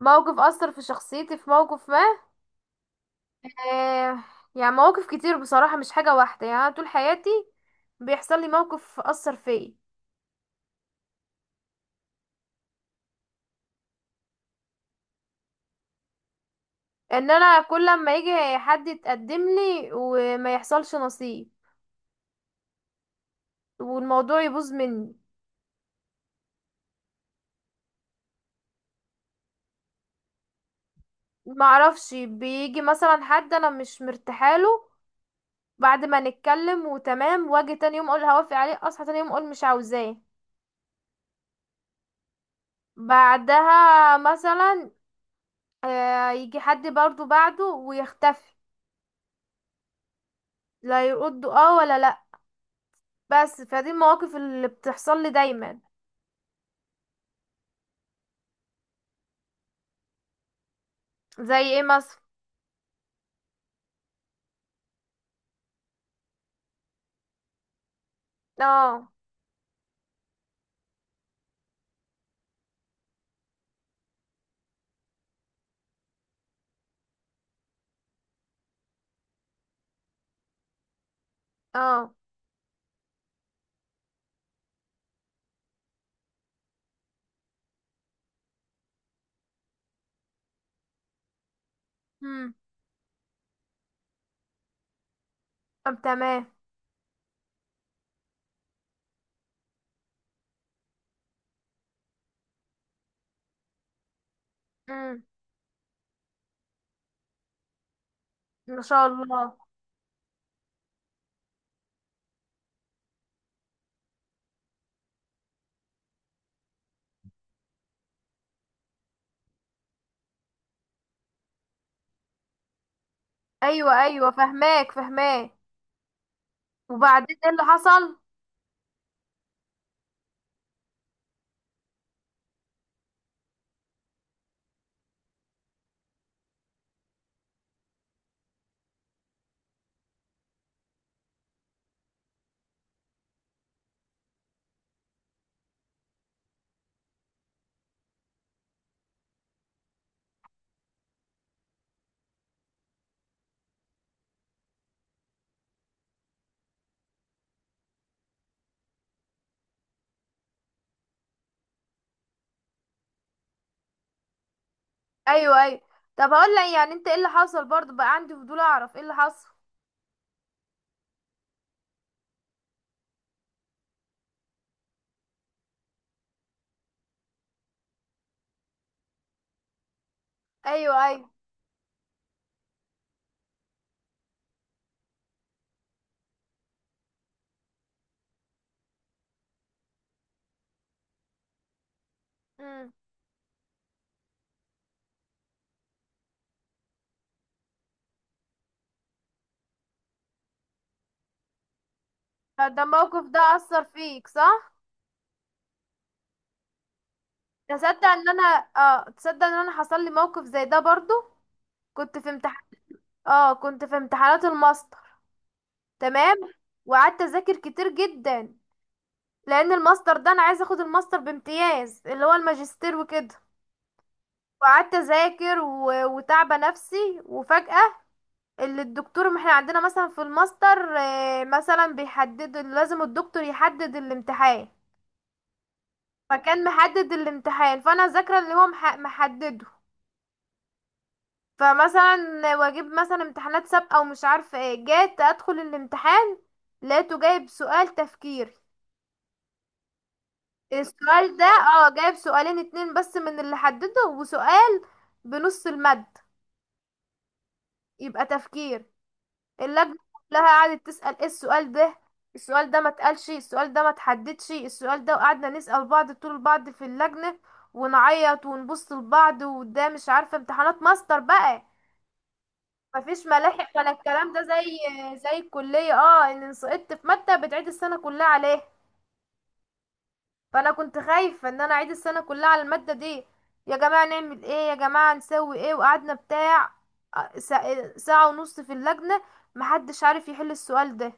موقف أثر في شخصيتي في موقف ما. آه يعني مواقف كتير بصراحة، مش حاجة واحدة. يعني أنا طول حياتي بيحصل لي موقف أثر فيا. انا كل ما يجي حد يتقدم لي وما يحصلش نصيب، والموضوع يبوظ مني. ما اعرفش، بيجي مثلا حد انا مش مرتاحه له، بعد ما نتكلم وتمام واجي تاني يوم اقول هوافق عليه، اصحى تاني يوم اقول مش عاوزاه. بعدها مثلا، يجي حد برضو بعده ويختفي، لا يرد اه ولا لا. بس فدي المواقف اللي بتحصل لي دايما. زي ايه مثلا؟ اه. اه. امم. طب تمام. امم. ما شاء الله. ايوه ايوه، فهماك فهماك. وبعدين ايه اللي حصل؟ ايوه ايوه. طب هقول لك، يعني انت ايه اللي حصل برضه؟ بقى عندي فضول اعرف ايه اللي حصل. ايوه ايوه. امم. فده الموقف ده اثر فيك صح؟ تصدق ان انا، اه تصدق ان انا حصل لي موقف زي ده برضه؟ كنت في امتحان، اه كنت في امتحانات الماستر. تمام. وقعدت اذاكر كتير جدا، لان الماستر ده انا عايزه اخد الماستر بامتياز، اللي هو الماجستير وكده. وقعدت اذاكر وتعبه نفسي، وفجاه اللي الدكتور، ما احنا عندنا مثلا في الماستر، مثلا بيحدد، لازم الدكتور يحدد الامتحان. فكان محدد الامتحان، فانا ذاكره اللي هو محدده. فمثلا واجيب مثلا امتحانات سابقه ومش عارفه ايه. جيت ادخل الامتحان لقيته جايب سؤال تفكير. السؤال ده، اه، جايب سؤالين اتنين بس من اللي حدده، وسؤال بنص المد يبقى تفكير. اللجنة كلها قعدت تسأل ايه السؤال ده، السؤال ده ما اتقالش، السؤال ده ما اتحددش السؤال ده. وقعدنا نسأل بعض، طول بعض في اللجنة ونعيط ونبص لبعض. وده مش عارفة، امتحانات ماستر بقى، مفيش ملاحق ولا الكلام ده، زي زي الكلية، اه ان سقطت في مادة بتعيد السنة كلها عليها. فانا كنت خايفه ان انا اعيد السنه كلها على الماده دي. يا جماعه نعمل ايه، يا جماعه نسوي ايه. وقعدنا بتاع، ساعة ونص في اللجنه محدش عارف يحل السؤال ده.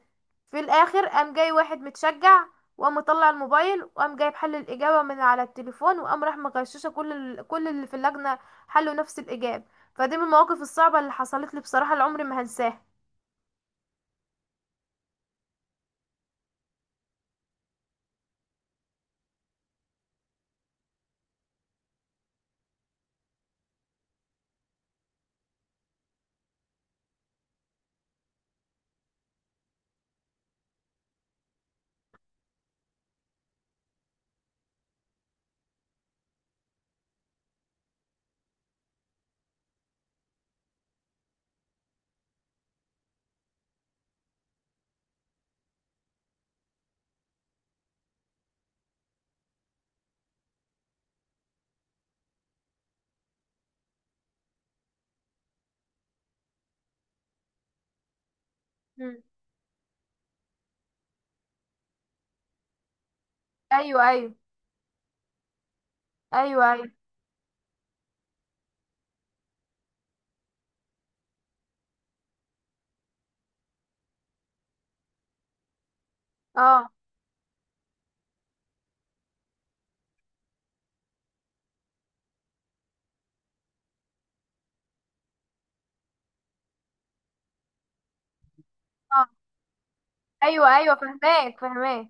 في الاخر قام جاي واحد متشجع، وقام مطلع الموبايل، وقام جايب حل الاجابه من على التليفون، وقام راح مغششه كل كل اللي في اللجنه، حلوا نفس الاجابه. فدي من المواقف الصعبه اللي حصلت لي بصراحه، العمر ما هنساها. مم. ايوه ايوه. ايوه ايوه. اه. اه. ايوه ايوه، فهماك فهماك.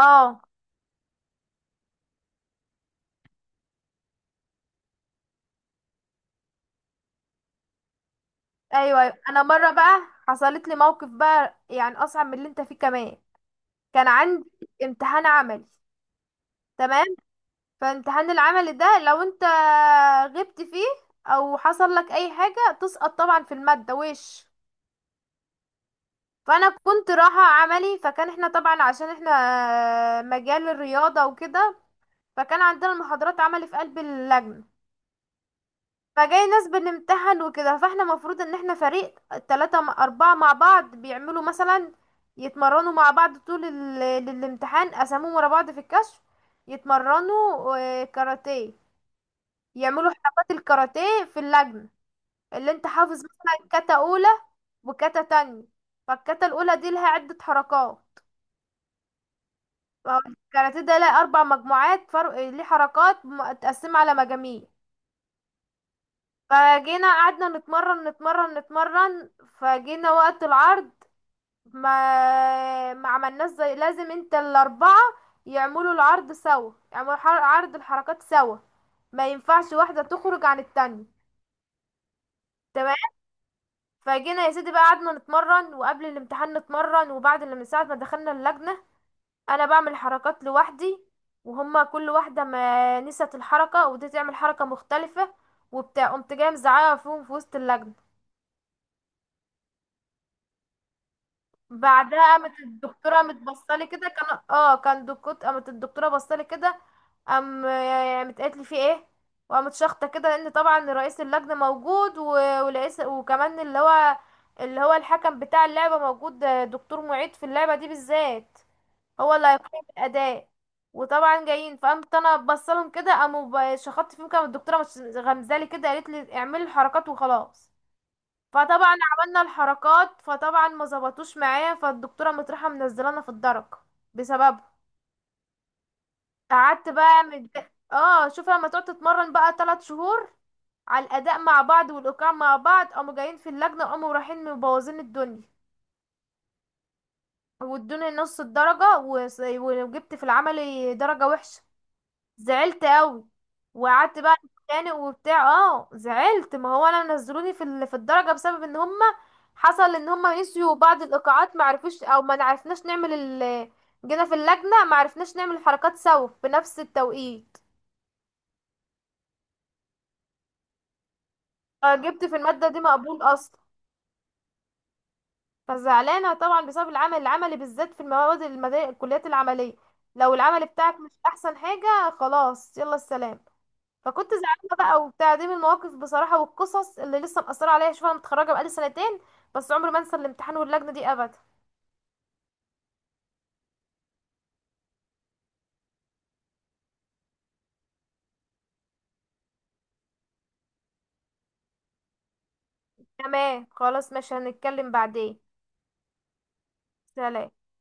اه. ايوه ايوه. انا مره بقى حصلت لي موقف بقى، يعني اصعب من اللي انت فيه كمان. كان عندي امتحان عملي. تمام. فامتحان العمل ده لو انت غبت فيه او حصل لك اي حاجه تسقط طبعا في الماده وش. فانا كنت رايحه عملي، فكان احنا طبعا عشان احنا مجال الرياضه وكده، فكان عندنا المحاضرات عملي في قلب اللجنه. فجاي ناس بنمتحن وكده. فاحنا مفروض ان احنا فريق 3 4 مع بعض، بيعملوا مثلا يتمرنوا مع بعض طول الامتحان. قسموهم ورا بعض في الكشف يتمرنوا، كاراتيه، يعملوا حركات الكاراتيه في اللجنة. اللي انت حافظ مثلا كاتا اولى وكاتا تانية. فالكاتا الاولى دي لها عدة حركات. فهو الكاراتيه ده لها 4 مجموعات، فرق ليه حركات متقسمة على مجاميع. فجينا قعدنا نتمرن نتمرن نتمرن. فجينا وقت العرض ما عملناش زي لازم. انت الاربعه يعملوا العرض سوا، يعملوا عرض الحركات سوا، ما ينفعش واحده تخرج عن التانية. تمام. فجينا يا سيدي بقى، قعدنا نتمرن وقبل الامتحان نتمرن، وبعد اللي من ساعه ما دخلنا اللجنه، انا بعمل حركات لوحدي، وهما كل واحده ما نسيت الحركه ودي تعمل حركه مختلفه وبتاع. قمت جايه مزعقه فيهم في وسط اللجنه. بعدها قامت الدكتوره قامت بصالي كده، كان اه كان دكتور. قامت الدكتوره بصالي كده، قامت قالت لي في ايه. وقامت شخطه كده، لان طبعا رئيس اللجنه موجود ورئيس، وكمان اللي هو، اللي هو الحكم بتاع اللعبه موجود، دكتور معيد في اللعبه دي بالذات، هو اللي هيقيم الاداء. وطبعا جايين، فقامت انا بصلهم كده، قاموا شخطت فيهم كده الدكتوره، غمزالي كده قالت لي اعملي الحركات وخلاص. فطبعا عملنا الحركات، فطبعا ما ظبطوش معايا، فالدكتوره مطرحه منزلانا في الدرك بسببه. قعدت بقى اه شوف، لما تقعد تتمرن بقى 3 شهور على الاداء مع بعض والايقاع مع بعض، قاموا جايين في اللجنه قاموا رايحين مبوظين الدنيا. وادوني نص الدرجه، وجبت في العملي درجه وحشه. زعلت قوي، وقعدت بقى اتخانق وبتاع. اه زعلت، ما هو انا نزلوني في في الدرجه بسبب ان هما، حصل ان هما نسيوا بعض الايقاعات، ما عرفوش او ما عرفناش نعمل ال، جينا في اللجنه ما عرفناش نعمل الحركات سوا في نفس التوقيت. جبت في الماده دي مقبول اصلا. فزعلانه طبعا بسبب العمل العملي بالذات، في المواد المدارس الكليات العمليه، لو العمل بتاعك مش احسن حاجه، خلاص يلا السلام. فكنت زعلانه بقى وبتاع. دي من المواقف بصراحه والقصص اللي لسه مأثره عليا. شوف انا متخرجه بقالي سنتين، بس عمري ما انسى الامتحان واللجنه دي ابدا. تمام خلاص ماشي، هنتكلم بعدين. سلام.